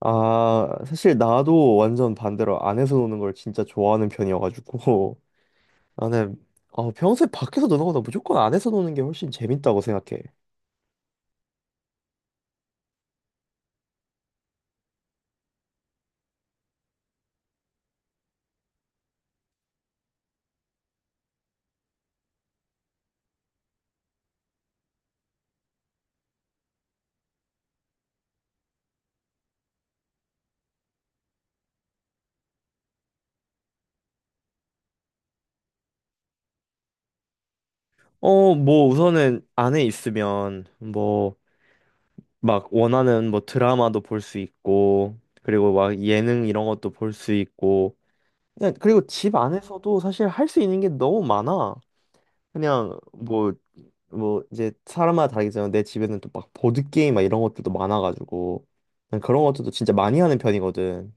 아, 사실 나도 완전 반대로 안에서 노는 걸 진짜 좋아하는 편이어가지고. 나는 평소에 밖에서 노는 거보다 무조건 안에서 노는 게 훨씬 재밌다고 생각해. 뭐 우선은 안에 있으면 뭐 막 원하는 뭐 드라마도 볼 수 있고, 그리고 막 예능 이런 것도 볼 수 있고, 그냥 그리고 집 안에서도 사실 할 수 있는 게 너무 많아. 그냥 뭐 이제 사람마다 다르겠지만 내 집에는 또 막 보드 게임 막 이런 것들도 많아가지고 난 그런 것들도 진짜 많이 하는 편이거든.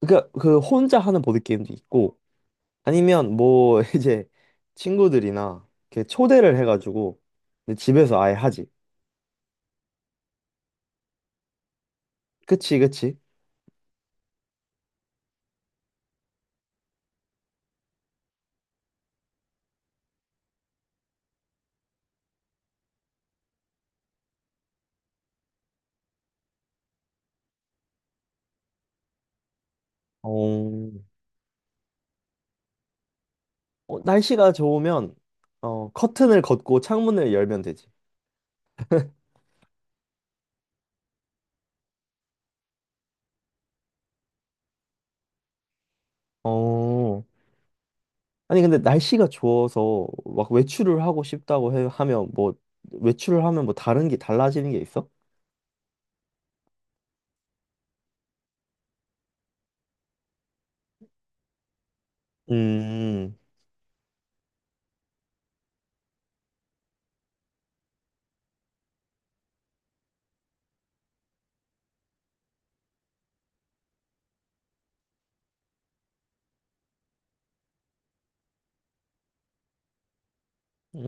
그러니까 그 혼자 하는 보드 게임도 있고, 아니면 뭐 이제 친구들이나 이렇게 초대를 해가지고 근데 집에서 아예 하지. 그치, 그치. 어, 어, 날씨가 좋으면 커튼을 걷고 창문을 열면 되지. 어. 아니 근데 날씨가 좋아서 막 외출을 하고 싶다고 해, 하면 뭐 외출을 하면 뭐 다른 게 달라지는 게 있어? 음,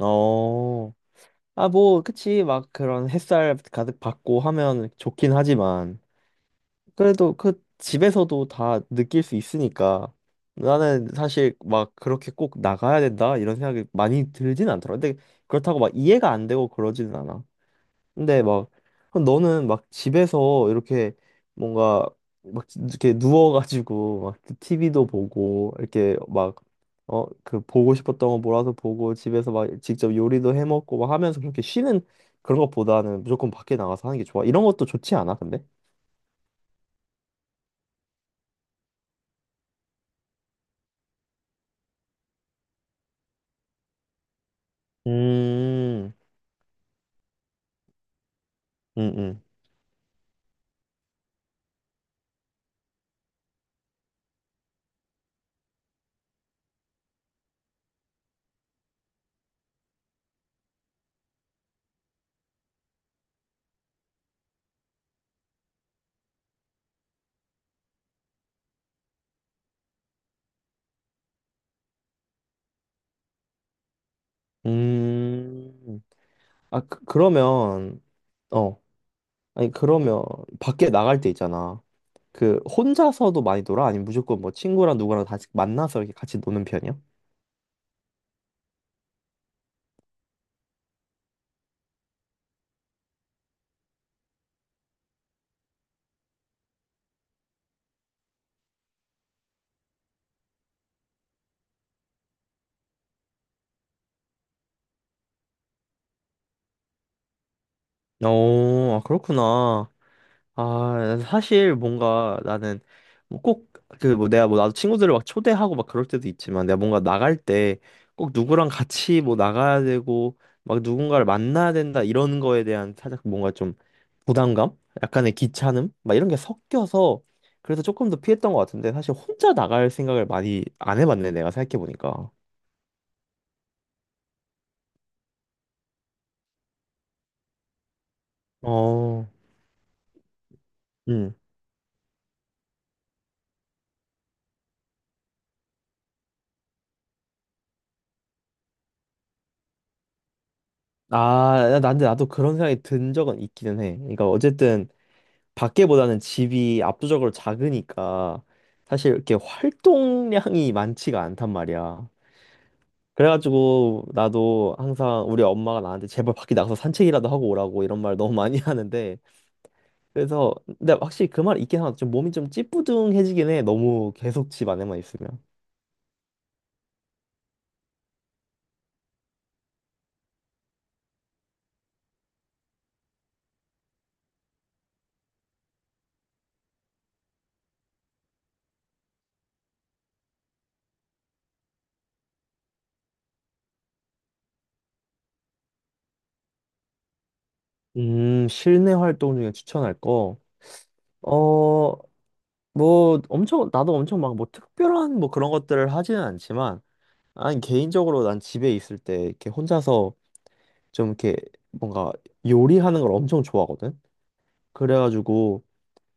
어, 아, 뭐, 그치, 막 그런 햇살 가득 받고 하면 좋긴 하지만, 그래도 그 집에서도 다 느낄 수 있으니까, 나는 사실 막 그렇게 꼭 나가야 된다, 이런 생각이 많이 들진 않더라. 근데 그렇다고 막 이해가 안 되고 그러지는 않아. 근데 막 그럼 너는 막 집에서 이렇게 뭔가 막 이렇게 누워가지고 막 TV도 보고 이렇게 막 그 보고 싶었던 거 몰아서 보고 집에서 막 직접 요리도 해 먹고 막 하면서 그렇게 쉬는 그런 것보다는 무조건 밖에 나가서 하는 게 좋아. 이런 것도 좋지 않아, 근데? 음, 음, 음, 음. 아, 그러면, 어, 아니, 그러면, 밖에 나갈 때 있잖아. 그 혼자서도 많이 놀아? 아니면 무조건 뭐 친구랑 누구랑 다 만나서 이렇게 같이 노는 편이야? 어, 아, 그렇구나. 아, 사실 뭔가 나는 뭐 꼭그 뭐 내가 뭐 나도 친구들을 막 초대하고 막 그럴 때도 있지만 내가 뭔가 나갈 때 꼭 누구랑 같이 뭐 나가야 되고 막 누군가를 만나야 된다 이런 거에 대한 살짝 뭔가 좀 부담감? 약간의 귀찮음? 막 이런 게 섞여서 그래서 조금 더 피했던 것 같은데, 사실 혼자 나갈 생각을 많이 안 해봤네, 내가 생각해보니까. 어. 음. 아, 근데 나도 그런 생각이 든 적은 있기는 해. 그러니까 어쨌든 밖에보다는 집이 압도적으로 작으니까 사실 이렇게 활동량이 많지가 않단 말이야. 그래가지고 나도 항상 우리 엄마가 나한테 제발 밖에 나가서 산책이라도 하고 오라고 이런 말 너무 많이 하는데, 그래서 근데 확실히 그 말 있긴 하다. 좀 몸이 좀 찌뿌둥해지긴 해. 너무 계속 집 안에만 있으면. 실내 활동 중에 추천할 거. 어, 뭐 엄청 나도 엄청 막 뭐 특별한 뭐 그런 것들을 하지는 않지만, 아니 개인적으로 난 집에 있을 때 이렇게 혼자서 좀 이렇게 뭔가 요리하는 걸 엄청 좋아하거든. 그래가지고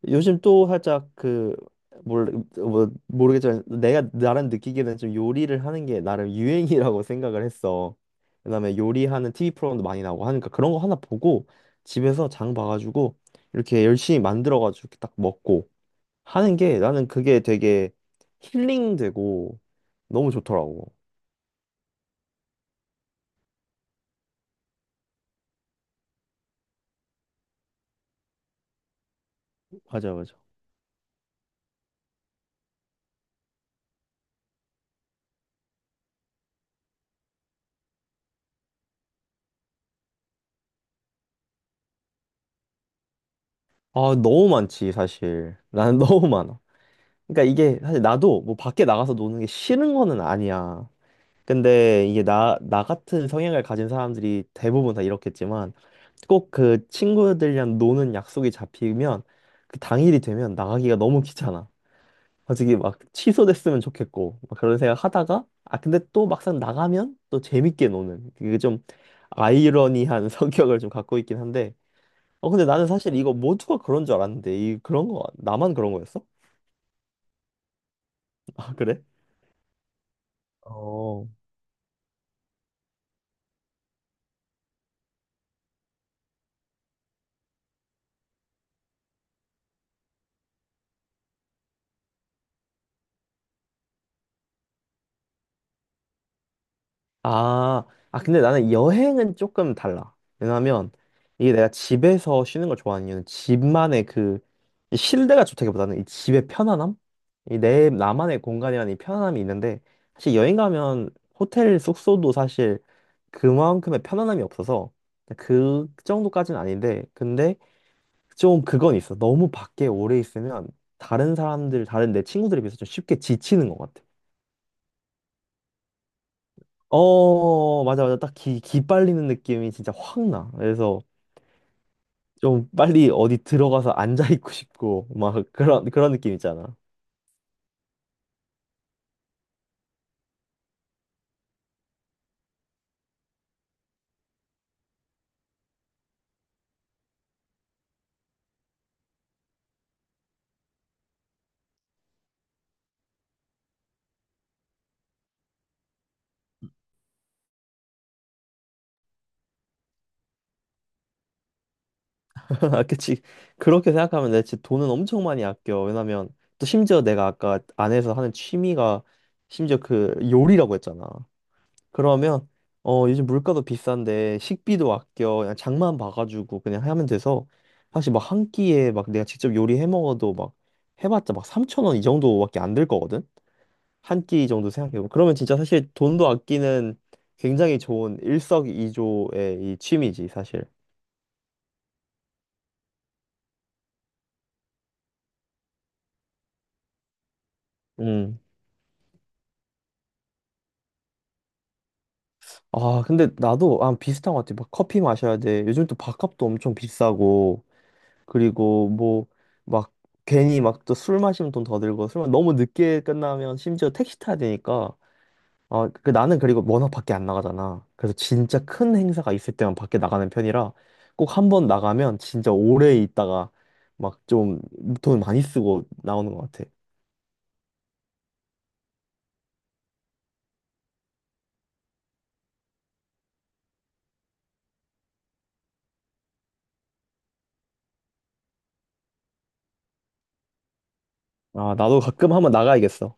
요즘 또 살짝 그뭘뭐 모르겠지만 내가 나름 느끼기에는 좀 요리를 하는 게 나름 유행이라고 생각을 했어. 그다음에 요리하는 TV 프로그램도 많이 나오고 하니까 그런 거 하나 보고 집에서 장 봐가지고 이렇게 열심히 만들어가지고 이렇게 딱 먹고 하는 게, 나는 그게 되게 힐링되고 너무 좋더라고. 맞아, 맞아. 아, 너무 많지, 사실. 나는 너무 많아. 그러니까 이게 사실 나도 뭐 밖에 나가서 노는 게 싫은 거는 아니야. 근데 이게 나 같은 성향을 가진 사람들이 대부분 다 이렇겠지만, 꼭 그 친구들이랑 노는 약속이 잡히면 그 당일이 되면 나가기가 너무 귀찮아. 솔직히 막 취소됐으면 좋겠고 막 그런 생각 하다가, 아 근데 또 막상 나가면 또 재밌게 노는 그게 좀 아이러니한 성격을 좀 갖고 있긴 한데, 어 근데 나는 사실 이거 모두가 그런 줄 알았는데 이 그런 거 나만 그런 거였어? 아 그래? 어. 아, 아, 근데 나는 여행은 조금 달라. 왜냐면 이게 내가 집에서 쉬는 걸 좋아하는 이유는 집만의 그이 실내가 좋다기보다는 이 집의 편안함? 이 내 나만의 공간이라는 이 편안함이 있는데, 사실 여행 가면 호텔 숙소도 사실 그만큼의 편안함이 없어서 그 정도까지는 아닌데, 근데 좀 그건 있어. 너무 밖에 오래 있으면 다른 사람들, 다른 내 친구들에 비해서 좀 쉽게 지치는 것 같아. 어, 맞아, 맞아. 딱 기 빨리는 느낌이 진짜 확 나. 그래서 좀 빨리 어디 들어가서 앉아있고 싶고, 막 그런, 그런 느낌 있잖아. 아, 그치. 그렇게 생각하면 내 진짜 돈은 엄청 많이 아껴. 왜냐면 또 심지어 내가 아까 안에서 하는 취미가 심지어 그 요리라고 했잖아. 그러면 요즘 물가도 비싼데 식비도 아껴. 그냥 장만 봐가지고 그냥 하면 돼서 사실 막 한 끼에 막 내가 직접 요리해 먹어도 막 해봤자 막 3천 원 이 정도밖에 안 들 거거든. 한 끼 정도 생각해보면 그러면 진짜 사실 돈도 아끼는 굉장히 좋은 일석이조의 이 취미지 사실. 음. 아 근데 나도 아 비슷한 것 같아. 막 커피 마셔야 돼. 요즘 또 밥값도 엄청 비싸고 그리고 뭐 막 괜히 막 또 술 마시면 돈 더 들고 너무 늦게 끝나면 심지어 택시 타야 되니까, 그 나는 그리고 워낙 밖에 안 나가잖아. 그래서 진짜 큰 행사가 있을 때만 밖에 나가는 편이라 꼭 한 번 나가면 진짜 오래 있다가 막 좀 돈 많이 쓰고 나오는 것 같아. 아, 나도 가끔 한 번 나가야겠어.